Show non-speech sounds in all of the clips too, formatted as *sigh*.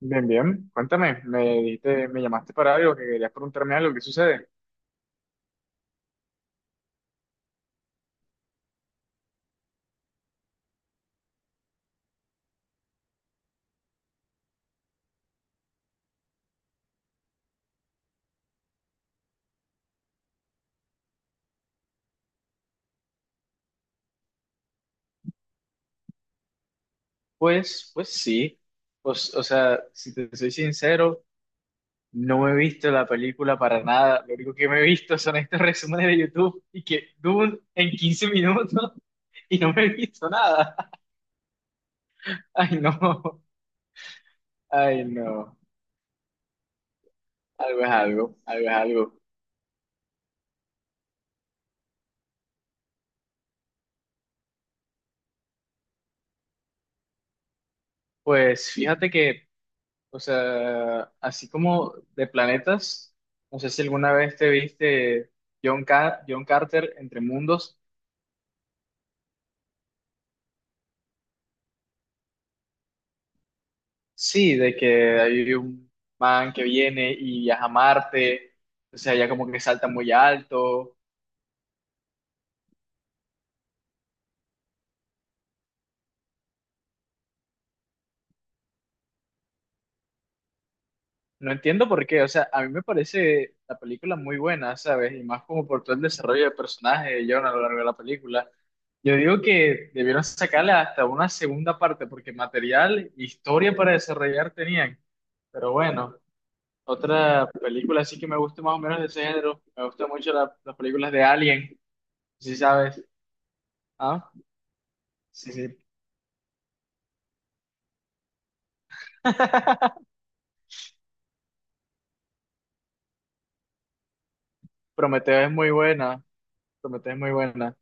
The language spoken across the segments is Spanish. Bien, bien. Cuéntame, me dijiste, me llamaste para algo, que querías preguntarme algo, ¿qué sucede? Pues sí. Pues, o sea, si te soy sincero, no he visto la película para nada. Lo único que me he visto son estos *laughs* resúmenes de YouTube y que Dune en 15 minutos y no me he visto nada. *laughs* Ay, no. Ay, no. Algo es algo, algo es algo. Pues fíjate que o sea, así como de planetas, no sé si alguna vez te viste John, John Carter entre mundos. Sí, de que hay un man que viene y viaja a Marte, o sea, ya como que salta muy alto. No entiendo por qué, o sea, a mí me parece la película muy buena, ¿sabes? Y más como por todo el desarrollo de personaje de John a lo largo de la película. Yo digo que debieron sacarla hasta una segunda parte, porque material, historia para desarrollar tenían. Pero bueno. Otra película así que me gusta más o menos de ese género. Me gustan mucho las películas de Alien, si sabes. ¿Ah? Sí, sí. Prometeo es muy buena. Prometeo es muy buena.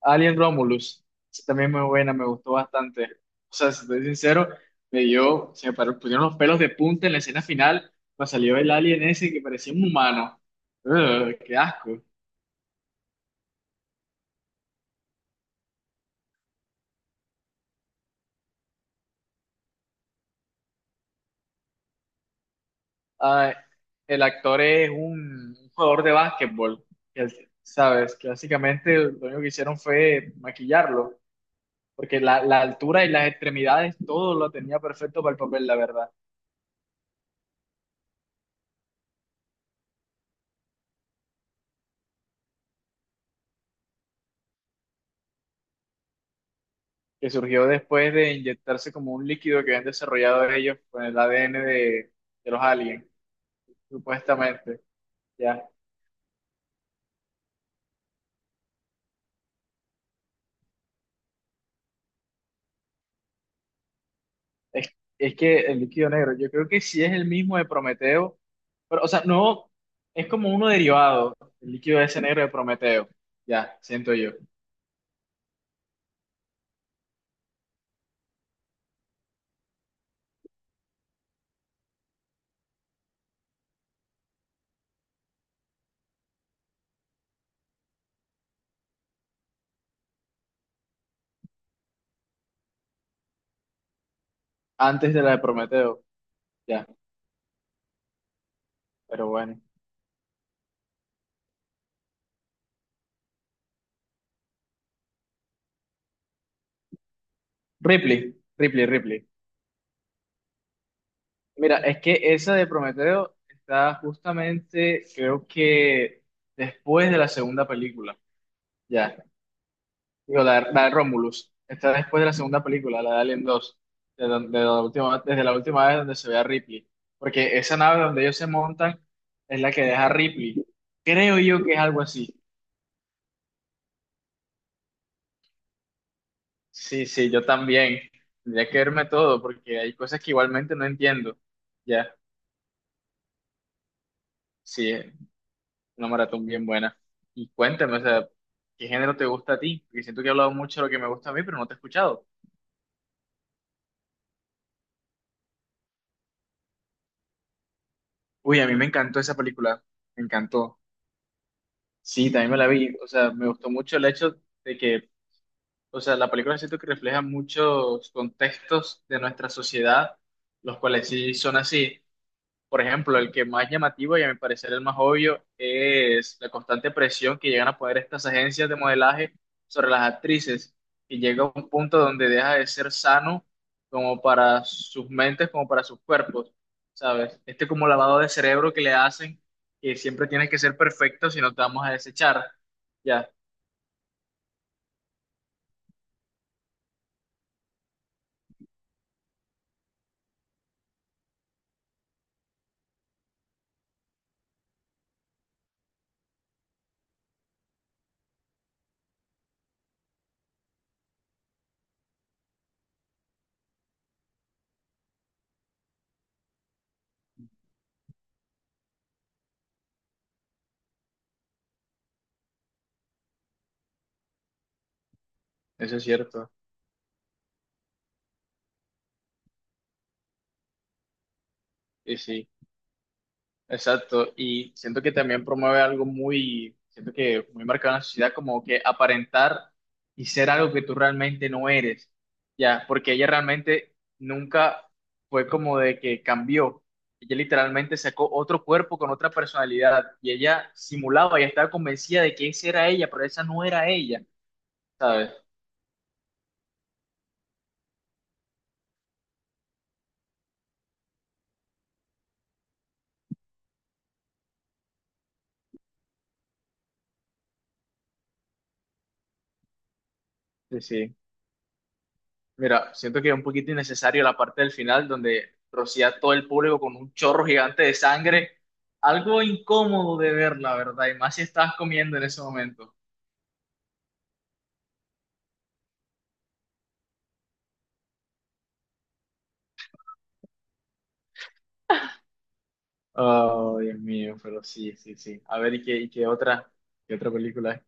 Alien Romulus, sí, también muy buena, me gustó bastante. O sea, si estoy sincero, me dio, se me paró- pusieron los pelos de punta en la escena final, cuando salió el alien ese que parecía un humano. Ugh, qué asco. Ah, el actor es un jugador de básquetbol, que ¿sabes? Que básicamente lo único que hicieron fue maquillarlo, porque la altura y las extremidades, todo lo tenía perfecto para el papel, la verdad, que surgió después de inyectarse como un líquido que habían desarrollado ellos con el ADN de los aliens, supuestamente, ¿ya? Es, es que el líquido negro, yo creo que sí es el mismo de Prometeo, pero, o sea, no, es como uno derivado, el líquido ese negro de Prometeo, ya, siento yo, antes de la de Prometeo, ya, pero bueno. Ripley, Ripley, Ripley. Mira, es que esa de Prometeo está justamente, creo que después de la segunda película, ya. Digo, la de Romulus. Está después de la segunda película, la de Alien 2. De de la última, desde la última vez donde se ve a Ripley. Porque esa nave donde ellos se montan es la que deja a Ripley. Creo yo que es algo así. Sí, sí, yo también. Tendría que verme todo porque hay cosas que igualmente no entiendo. Ya, sí, es una maratón bien buena. Y cuéntame, o sea, ¿qué género te gusta a ti? Porque siento que he hablado mucho de lo que me gusta a mí, pero no te he escuchado. Uy, a mí me encantó esa película. Me encantó. Sí, también me la vi. O sea, me gustó mucho el hecho de que, o sea, la película siento que refleja muchos contextos de nuestra sociedad, los cuales sí son así. Por ejemplo, el que más llamativo y a mi parecer el más obvio es la constante presión que llegan a poner estas agencias de modelaje sobre las actrices, y llega a un punto donde deja de ser sano como para sus mentes, como para sus cuerpos, ¿sabes? Este como lavado de cerebro que le hacen, que siempre tienes que ser perfecto si no te vamos a desechar. Ya, eso es cierto. Y sí. Exacto, y siento que también promueve algo muy, siento que muy marcado en la sociedad, como que aparentar y ser algo que tú realmente no eres, ya, porque ella realmente nunca fue como de que cambió, ella literalmente sacó otro cuerpo con otra personalidad y ella simulaba, y estaba convencida de que esa era ella, pero esa no era ella, ¿sabes? Sí, sí. Mira, siento que es un poquito innecesario la parte del final donde rocía a todo el público con un chorro gigante de sangre. Algo incómodo de ver, la verdad, y más si estabas comiendo en ese momento. Oh, Dios mío, pero sí, sí, sí. A ver, ¿qué otra película es?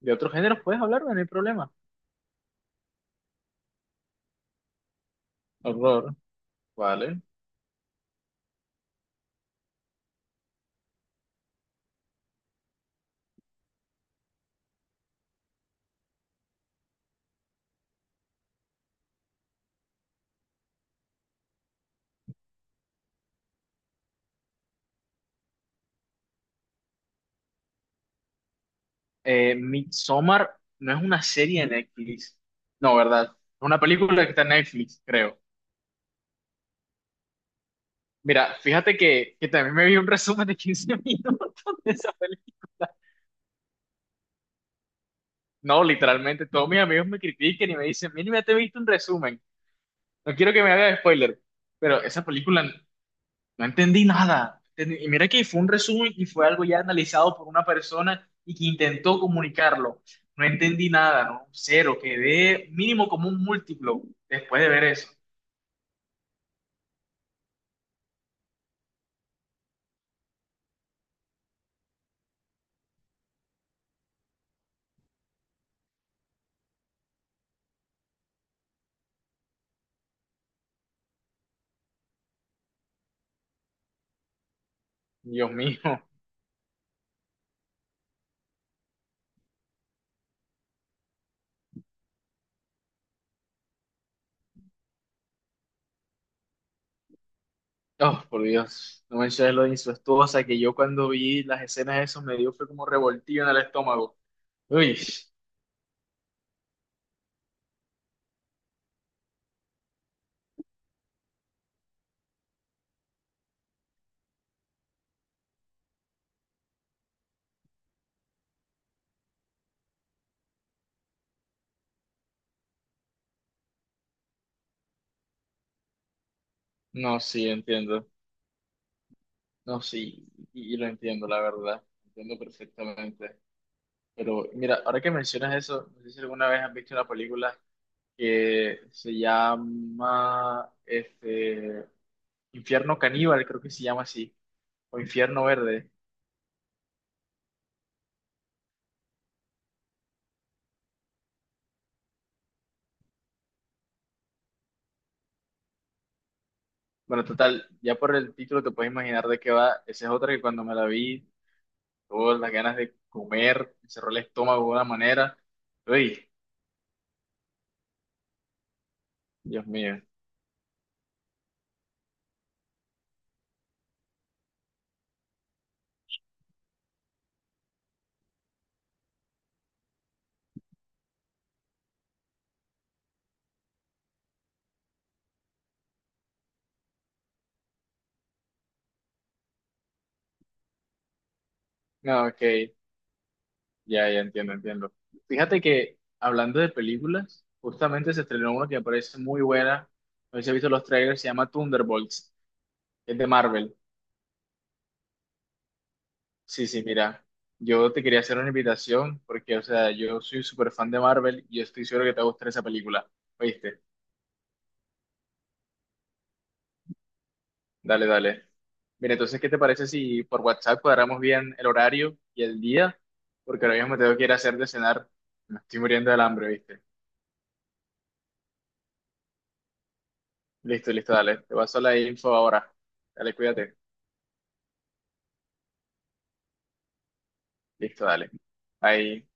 ¿De otro género puedes hablarme? No hay problema. Horror. Vale. Midsommar no es una serie de Netflix. No, ¿verdad? Es una película que está en Netflix, creo. Mira, fíjate que también me vi un resumen de 15 *laughs* minutos de esa película. No, literalmente, todos mis amigos me critiquen y me dicen, mira, ya te he visto un resumen, no quiero que me hagas spoiler, pero esa película no entendí nada. Y mira que fue un resumen y fue algo ya analizado por una persona y que intentó comunicarlo. No entendí nada, ¿no? Cero, quedé mínimo como un múltiplo después de ver eso. Dios mío. Oh, por Dios, no menciones lo de incestuosa, que yo cuando vi las escenas de eso me dio fue como revoltillo en el estómago. Uy, no, sí, entiendo. No, sí, y lo entiendo, la verdad. Entiendo perfectamente. Pero mira, ahora que mencionas eso, no sé si alguna vez has visto una película que se llama este, Infierno Caníbal, creo que se llama así, o Infierno Verde. Bueno, total, ya por el título te puedes imaginar de qué va. Esa es otra que cuando me la vi todas las ganas de comer, me cerró el estómago de una manera. Uy, Dios mío. No, ok, ya, ya entiendo, entiendo. Fíjate que hablando de películas, justamente se estrenó una que me parece muy buena. No sé si has visto los trailers, se llama Thunderbolts, es de Marvel. Sí, sí, mira, yo te quería hacer una invitación porque, o sea, yo soy súper fan de Marvel y yo estoy seguro que te va a gustar esa película. ¿Oíste? Dale, dale. Mira, entonces, ¿qué te parece si por WhatsApp cuadramos bien el horario y el día? Porque ahora mismo me tengo que ir a hacer de cenar. Me estoy muriendo del hambre, ¿viste? Listo, listo, dale. Te paso la info ahora. Dale, cuídate. Listo, dale. Ahí.